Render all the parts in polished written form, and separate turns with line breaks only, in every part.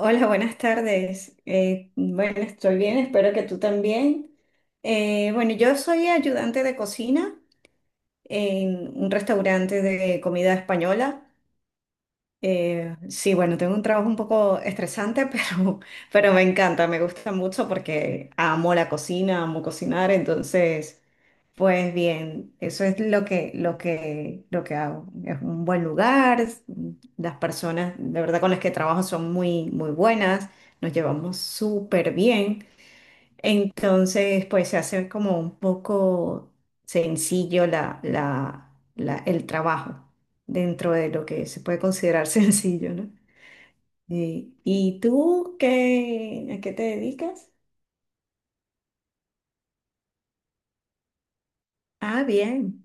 Hola, buenas tardes. Bueno, Estoy bien, espero que tú también. Bueno, yo soy ayudante de cocina en un restaurante de comida española. Sí, bueno, tengo un trabajo un poco estresante, pero me encanta, me gusta mucho porque amo la cocina, amo cocinar, entonces... Pues bien, eso es lo que hago. Es un buen lugar, las personas de verdad con las que trabajo son muy, muy buenas, nos llevamos súper bien. Entonces, pues se hace como un poco sencillo el trabajo dentro de lo que se puede considerar sencillo, ¿no? Sí. ¿Y tú qué, a qué te dedicas? Ah, bien.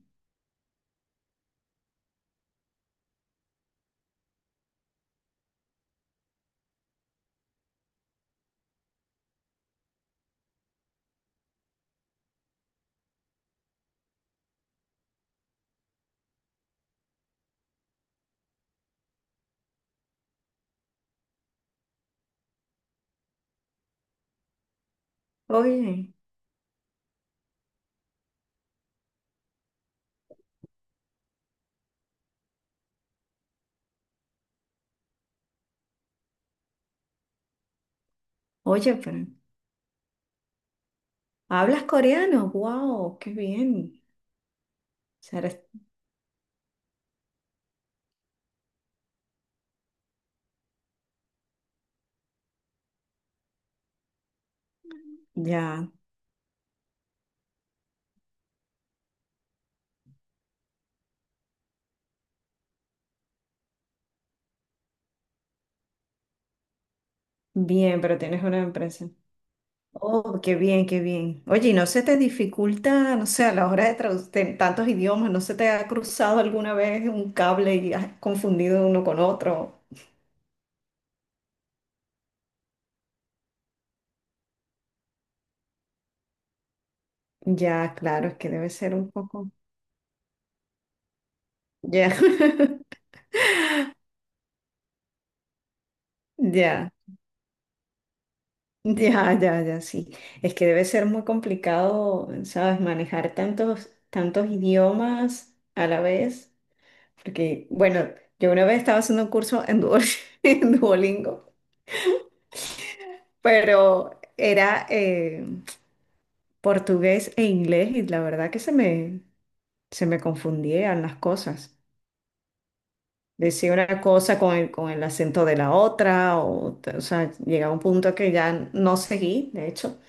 Oye, oye, pero... ¿Hablas coreano? ¡Wow! ¡Qué bien! O sea, ya, bien, pero tienes una empresa. Oh, qué bien, qué bien. Oye, ¿y no se te dificulta, no sé, a la hora de traducir tantos idiomas, no se te ha cruzado alguna vez un cable y has confundido uno con otro? Ya, claro, es que debe ser un poco. Ya, ya, ya, ya, ya, sí. Es que debe ser muy complicado, ¿sabes? Manejar tantos, tantos idiomas a la vez. Porque, bueno, yo una vez estaba haciendo un curso en en Duolingo, pero era portugués e inglés y la verdad que se me confundían las cosas. Decía una cosa con con el acento de la otra, o sea, llegaba un punto que ya no seguí, de hecho,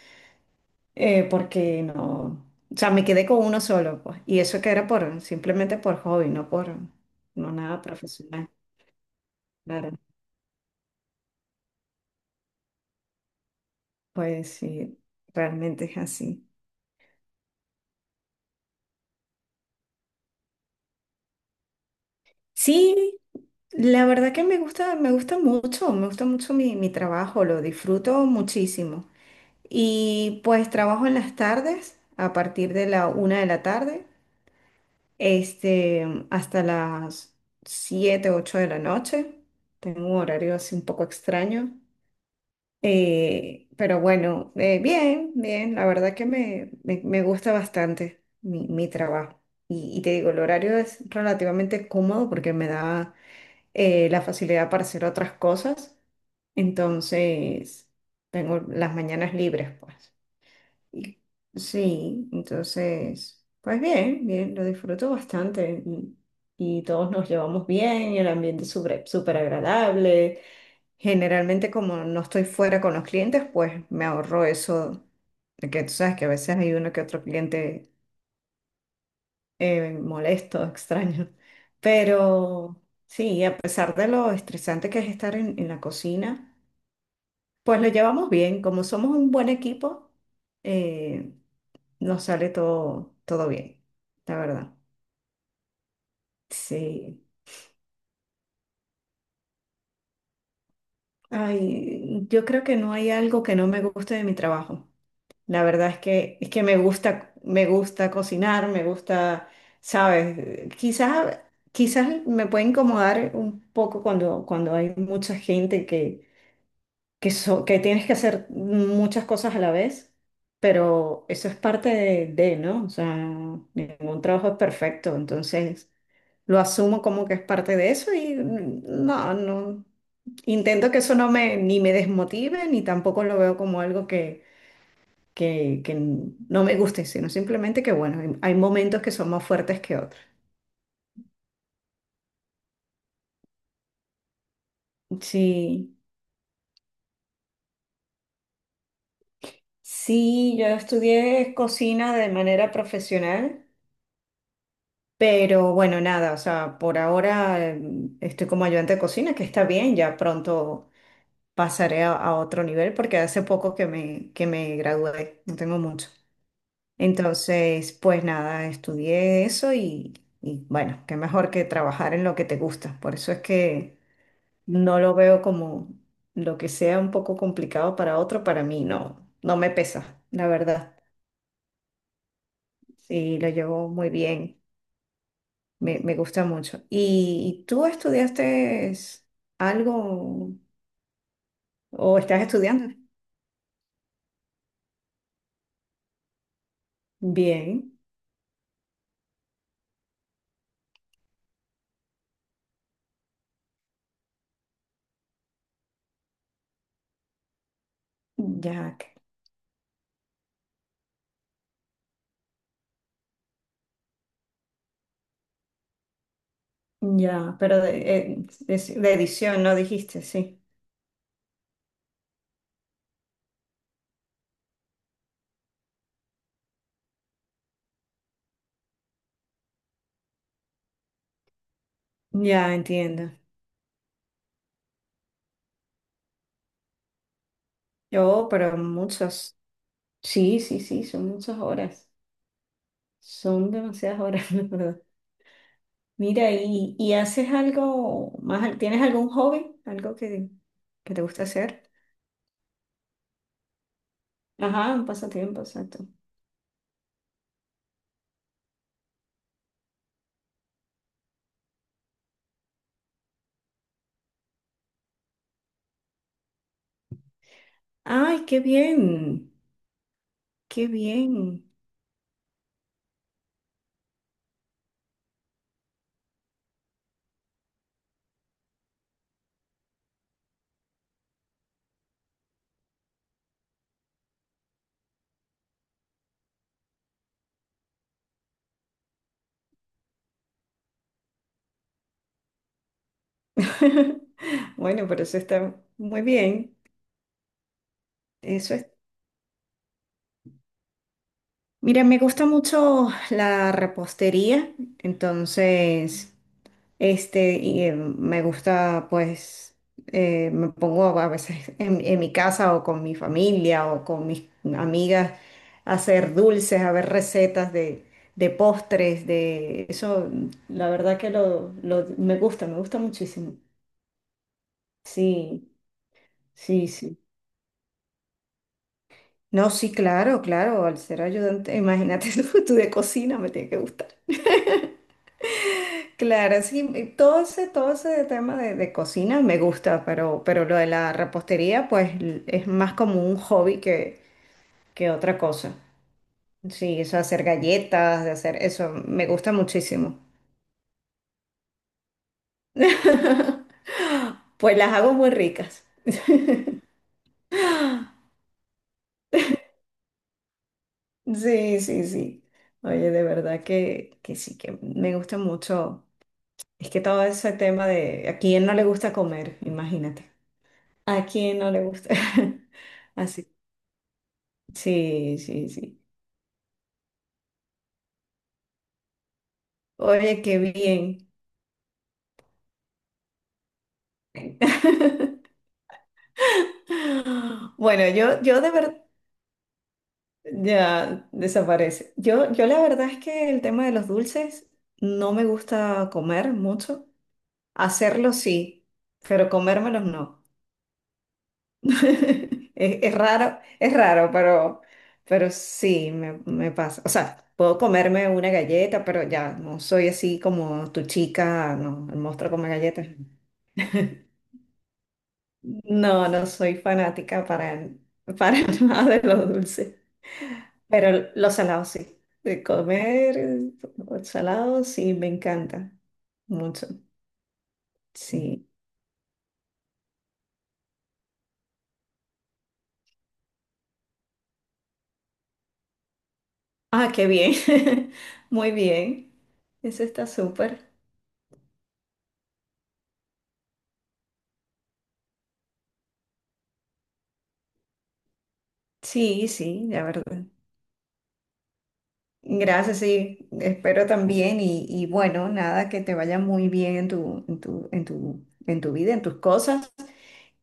porque no, o sea, me quedé con uno solo, pues, y eso que era simplemente por hobby, no nada profesional, claro, pues sí, realmente es así. Sí, la verdad que me gusta mucho mi trabajo, lo disfruto muchísimo. Y pues trabajo en las tardes, a partir de la una de la tarde, este, hasta las siete, ocho de la noche. Tengo un horario así un poco extraño. Pero bueno, bien, bien, la verdad que me gusta bastante mi trabajo. Y te digo, el horario es relativamente cómodo porque me da la facilidad para hacer otras cosas. Entonces, tengo las mañanas libres, pues. Y- sí, entonces, pues bien, bien, lo disfruto bastante. Y todos nos llevamos bien, y el ambiente es súper súper agradable. Generalmente, como no estoy fuera con los clientes, pues me ahorro eso. De Que tú sabes que a veces hay uno que otro cliente molesto, extraño. Pero sí, a pesar de lo estresante que es estar en la cocina, pues lo llevamos bien. Como somos un buen equipo, eh, nos sale todo, todo bien, la verdad. Sí. Ay, yo creo que no hay algo que no me guste de mi trabajo. La verdad es que me gusta cocinar, me gusta, ¿sabes? Quizás me puede incomodar un poco cuando, cuando hay mucha gente que tienes que hacer muchas cosas a la vez, pero eso es parte ¿no? O sea, ningún trabajo es perfecto, entonces lo asumo como que es parte de eso y no, no, intento que eso no me, ni me desmotive, ni tampoco lo veo como algo que no me guste, sino simplemente que, bueno, hay momentos que son más fuertes que otros. Sí, sí, yo estudié cocina de manera profesional. Pero bueno, nada, o sea, por ahora estoy como ayudante de cocina, que está bien, ya pronto pasaré a otro nivel porque hace poco que me gradué, no tengo mucho. Entonces, pues nada, estudié eso y bueno, qué mejor que trabajar en lo que te gusta. Por eso es que no lo veo como lo que sea un poco complicado para otro, para mí no, no me pesa, la verdad. Sí, lo llevo muy bien. Me gusta mucho. Y tú estudiaste algo o estás estudiando? Bien, ya, ya, pero de edición, ¿no dijiste? Sí, ya entiendo. Yo, pero muchas, sí, sí, sí, son muchas horas, son demasiadas horas, la verdad. Mira, y haces algo más? ¿Tienes algún hobby? ¿Algo que te gusta hacer? Ajá, un pasatiempo, exacto. Ay, qué bien, qué bien. Bueno, pero eso está muy bien. Eso es. Mira, me gusta mucho la repostería, entonces, este, me gusta, pues, me pongo a veces en mi casa o con mi familia o con mis amigas a hacer dulces, a ver recetas de postres, de eso, la verdad que me gusta muchísimo. Sí, sí, sí. No, sí, claro, claro, al ser ayudante, imagínate tú de cocina me tiene que gustar. Claro, sí, y todo ese tema de cocina me gusta, pero lo de la repostería, es más como un hobby que otra cosa. Sí, eso de hacer galletas, de hacer eso, me gusta muchísimo. Pues las hago muy ricas. Sí, sí, sí. Oye, de verdad que sí, que me gusta mucho. Es que todo ese tema de a quién no le gusta comer, imagínate. A quién no le gusta. Así. Sí, sí, sí. Oye, qué bien. Bueno, yo de verdad, ya desaparece. Yo la verdad es que el tema de los dulces no me gusta comer mucho. Hacerlo sí, pero comérmelos no. Es raro, pero sí, me pasa. O sea, puedo comerme una galleta, pero ya no soy así como tu chica, no, el monstruo come galletas. No, no soy fanática para nada de lo dulce, pero los salados sí. De comer salado sí, me encanta mucho. Sí. Ah, qué bien. Muy bien. Eso está súper. Sí, sí, la verdad. Gracias, sí, espero también y bueno, nada, que te vaya muy bien en tu, en tu, en tu, en tu vida, en tus cosas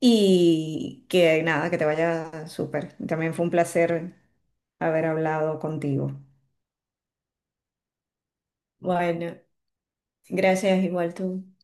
y que nada, que te vaya súper. También fue un placer haber hablado contigo. Bueno, gracias igual tú.